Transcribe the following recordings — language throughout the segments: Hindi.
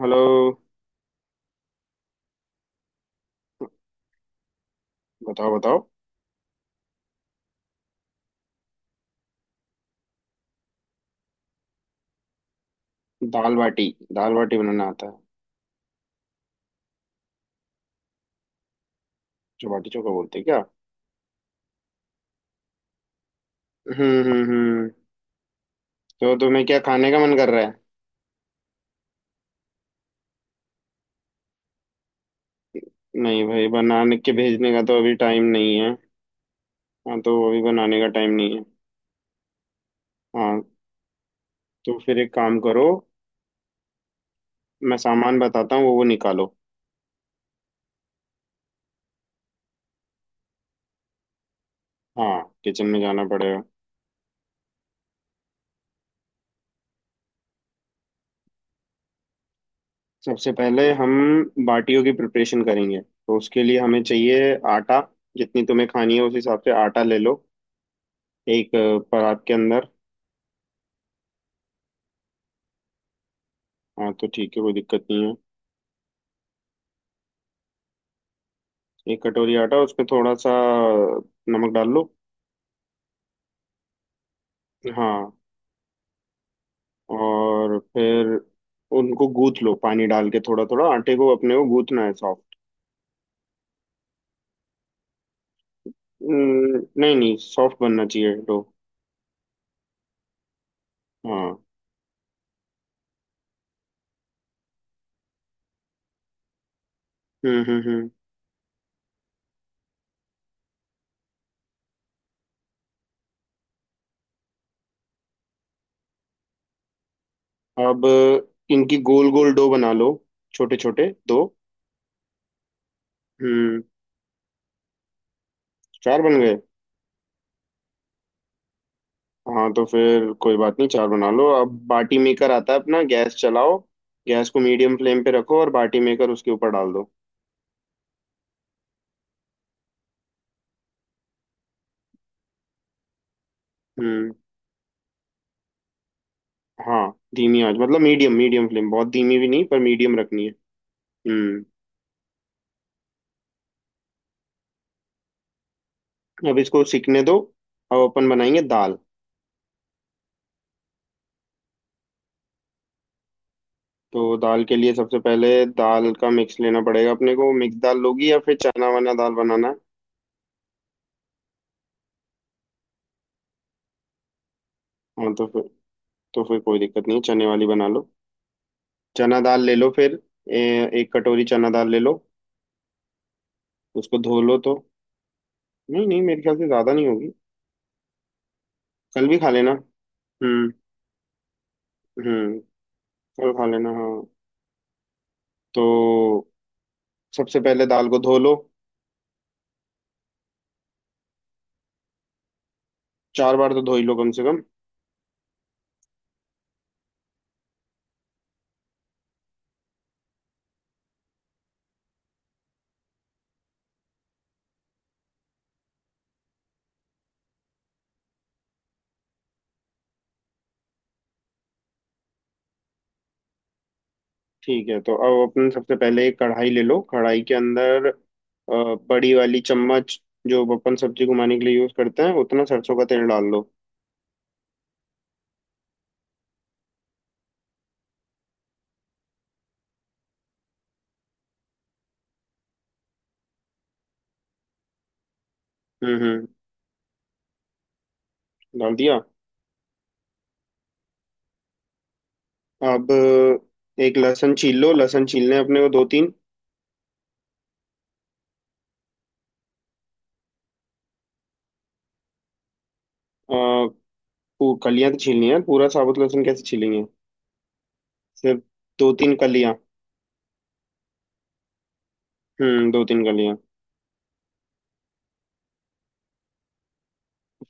हेलो। बताओ बताओ। दाल बाटी। दाल बाटी बनाना आता है। जो बाटी चोखा बोलते हैं क्या? हम्म। तो तुम्हें क्या खाने का मन कर रहा है? नहीं भाई, बनाने के भेजने का तो अभी टाइम नहीं है। हाँ, तो अभी बनाने का टाइम नहीं है। हाँ, तो फिर एक काम करो। मैं सामान बताता हूँ, वो निकालो। हाँ, किचन में जाना पड़ेगा। सबसे पहले हम बाटियों की प्रिपरेशन करेंगे, तो उसके लिए हमें चाहिए आटा। जितनी तुम्हें खानी है उस हिसाब से आटा ले लो। एक परात के अंदर। हाँ तो ठीक है, कोई दिक्कत नहीं है। एक कटोरी आटा, उस पे थोड़ा सा नमक डाल लो। हाँ। और फिर उनको गूथ लो, पानी डाल के थोड़ा थोड़ा। आटे को अपने को गूथना है सॉफ्ट। नहीं नहीं, सॉफ्ट बनना चाहिए डो। हाँ। हम्म। अब इनकी गोल गोल डो बना लो। छोटे छोटे दो। हम्म। चार बन गए। हाँ तो फिर कोई बात नहीं, चार बना लो। अब बाटी मेकर आता है अपना, गैस चलाओ। गैस को मीडियम फ्लेम पे रखो और बाटी मेकर उसके ऊपर डाल दो। हम्म। हाँ, धीमी आंच मतलब मीडियम। मीडियम फ्लेम, बहुत धीमी भी नहीं, पर मीडियम रखनी है। हम्म। अब इसको सीखने दो। अब अपन बनाएंगे दाल। तो दाल के लिए सबसे पहले दाल का मिक्स लेना पड़ेगा अपने को। मिक्स दाल लोगी या फिर चना वना दाल बनाना है? हाँ तो फिर कोई दिक्कत नहीं है, चने वाली बना लो। चना दाल ले लो फिर। एक कटोरी चना दाल ले लो। उसको धो लो तो। नहीं नहीं, मेरे ख्याल से ज़्यादा नहीं होगी। कल भी खा लेना। हम्म हम्म। कल खा लेना, हाँ। तो सबसे पहले दाल को धो लो। चार बार तो धो ही लो कम से कम। ठीक है, तो अब अपन सबसे पहले एक कढ़ाई ले लो। कढ़ाई के अंदर बड़ी वाली चम्मच जो अपन सब्जी घुमाने के लिए यूज करते हैं, उतना सरसों का तेल डाल लो। हम्म। डाल दिया। अब एक लहसुन छील लो। लहसुन छीलने हैं अपने को दो तीन। अ, कलियां तो छीलनी है, पूरा साबुत लहसुन कैसे छीलेंगे। सिर्फ दो तीन कलियां। हम्म, दो तीन कलियां।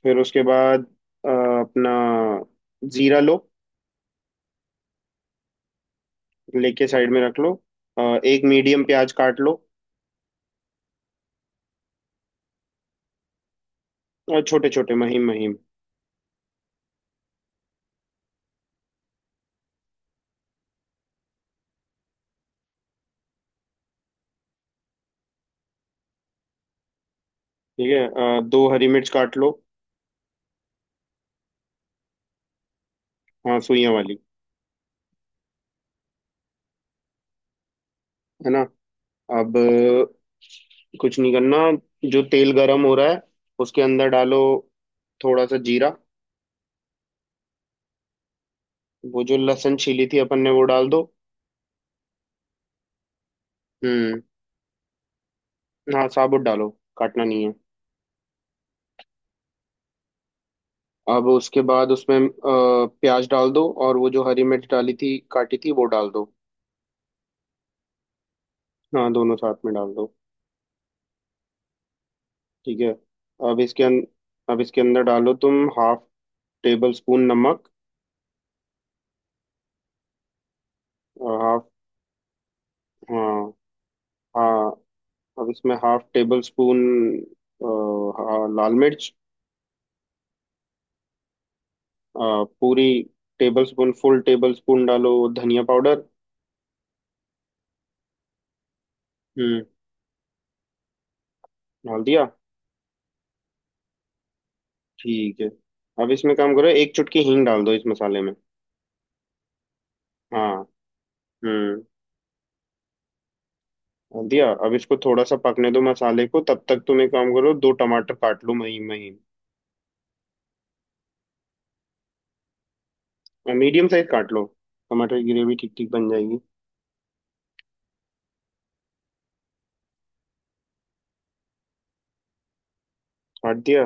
फिर उसके बाद अपना जीरा लो। लेके साइड में रख लो। एक मीडियम प्याज काट लो। और छोटे छोटे महीन महीन। ठीक है, दो हरी मिर्च काट लो। हाँ, सुइयां वाली। है ना। अब कुछ नहीं करना, जो तेल गरम हो रहा है उसके अंदर डालो। थोड़ा सा जीरा। वो जो लहसुन छीली थी अपन ने, वो डाल दो। हम्म। हाँ साबुत डालो, काटना नहीं है। अब उसके बाद उसमें प्याज डाल दो, और वो जो हरी मिर्च डाली थी, काटी थी, वो डाल दो। हाँ, दोनों साथ में डाल दो। ठीक है। अब इसके अं, अब इसके अंदर डालो तुम हाफ टेबल स्पून नमक। हाफ। हाँ। हाँ, अब इसमें हाफ टेबल स्पून लाल मिर्च। अ, पूरी tablespoon full tablespoon डालो, धनिया पाउडर। हम्म, डाल दिया। ठीक है, अब इसमें काम करो, एक चुटकी हींग डाल दो इस मसाले में। हाँ। हम्म, डाल दिया। अब इसको थोड़ा सा पकने दो, मसाले को। तब तक तुम एक काम करो, दो टमाटर काट लो महीन महीन। मीडियम साइज काट लो, टमाटर की ग्रेवी ठीक ठीक बन जाएगी। काट दिया।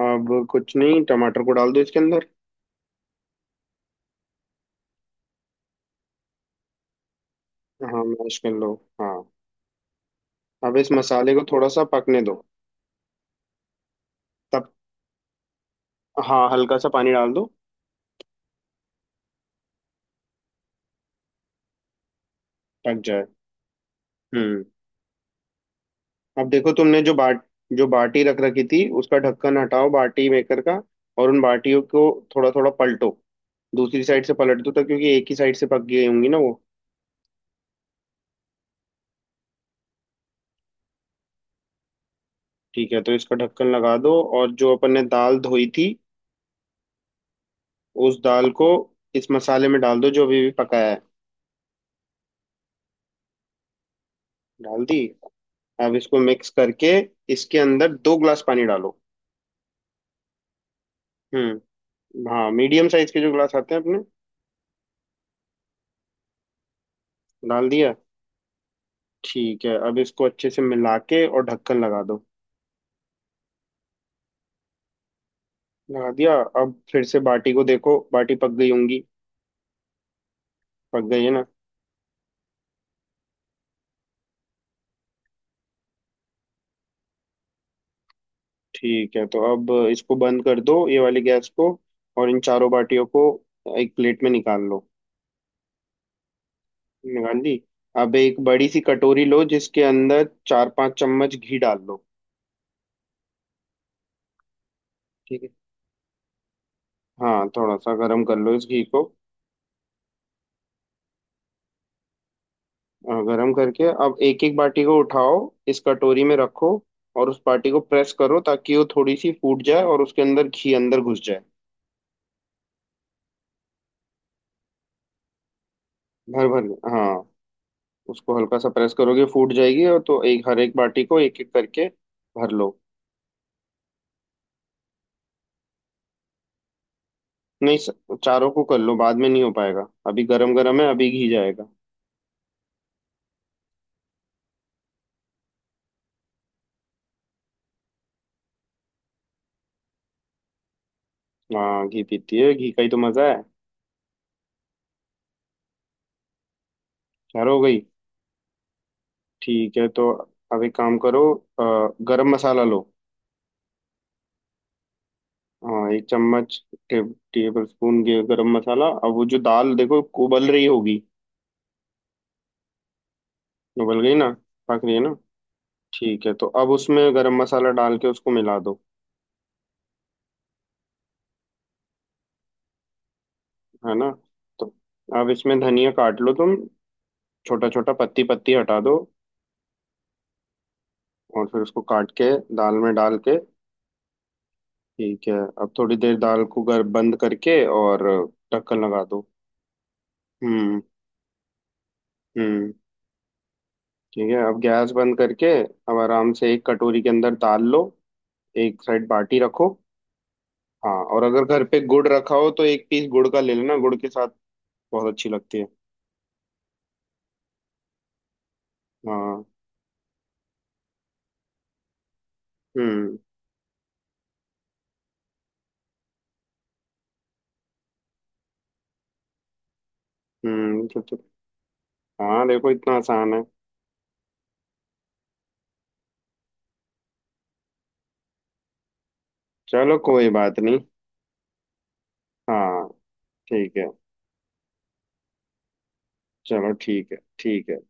अब कुछ नहीं, टमाटर को डाल दो इसके अंदर। हाँ, मैश कर लो। हाँ। अब इस मसाले को थोड़ा सा पकने दो। तब हाँ, हल्का सा पानी डाल दो। पक जाए। हम्म। अब देखो, तुमने जो बाट जो बाटी रख रखी थी, उसका ढक्कन हटाओ बाटी मेकर का। और उन बाटियों को थोड़ा थोड़ा पलटो, दूसरी साइड से पलट दो। तो क्योंकि एक ही साइड से पक गई होंगी ना वो। ठीक है, तो इसका ढक्कन लगा दो। और जो अपन ने दाल धोई थी, उस दाल को इस मसाले में डाल दो जो अभी भी पकाया है। डाल दी। अब इसको मिक्स करके इसके अंदर दो ग्लास पानी डालो। हम्म। हाँ, मीडियम साइज के जो ग्लास आते हैं अपने। डाल दिया। ठीक है, अब इसको अच्छे से मिला के और ढक्कन लगा दो। लगा दिया। अब फिर से बाटी को देखो, बाटी पक गई होंगी। पक गई है ना। ठीक है, तो अब इसको बंद कर दो, ये वाली गैस को। और इन चारों बाटियों को एक प्लेट में निकाल लो। निकाल ली। अब एक बड़ी सी कटोरी लो, जिसके अंदर चार पांच चम्मच घी डाल लो। ठीक है। हाँ, थोड़ा सा गर्म कर लो इस घी को। हाँ, गरम करके अब एक एक बाटी को उठाओ, इस कटोरी में रखो, और उस बाटी को प्रेस करो ताकि वो थोड़ी सी फूट जाए और उसके अंदर घी अंदर घुस जाए। भर भर के। हाँ। उसको हल्का सा प्रेस करोगे, फूट जाएगी। और तो एक, हर एक बाटी को एक एक करके भर लो। नहीं, चारों को कर लो, बाद में नहीं हो पाएगा, अभी गरम गरम है, अभी घी जाएगा। हाँ, घी पीती है, घी का ही तो मजा है। चार हो गई। ठीक है, तो अब एक काम करो, गरम मसाला लो। हाँ, एक चम्मच टे, टेबल स्पून गरम मसाला। अब वो जो दाल देखो, उबल रही होगी। उबल गई ना, पक रही है ना। ठीक है, तो अब उसमें गरम मसाला डाल के उसको मिला दो। है ना। तो अब इसमें धनिया काट लो तुम, छोटा छोटा। पत्ती पत्ती हटा दो। और फिर उसको काट के दाल में डाल के। ठीक है। अब थोड़ी देर दाल को गर बंद करके और ढक्कन लगा दो। हम्म हम्म। ठीक है, अब गैस बंद करके अब आराम से एक कटोरी के अंदर दाल लो। एक साइड बाटी रखो। हाँ, और अगर घर पे गुड़ रखा हो तो एक पीस गुड़ का ले लेना। गुड़ के साथ बहुत अच्छी लगती है। हाँ। हम्म हम्म। हाँ देखो, इतना आसान है। चलो, कोई बात नहीं। हाँ ठीक है। चलो ठीक है, ठीक है।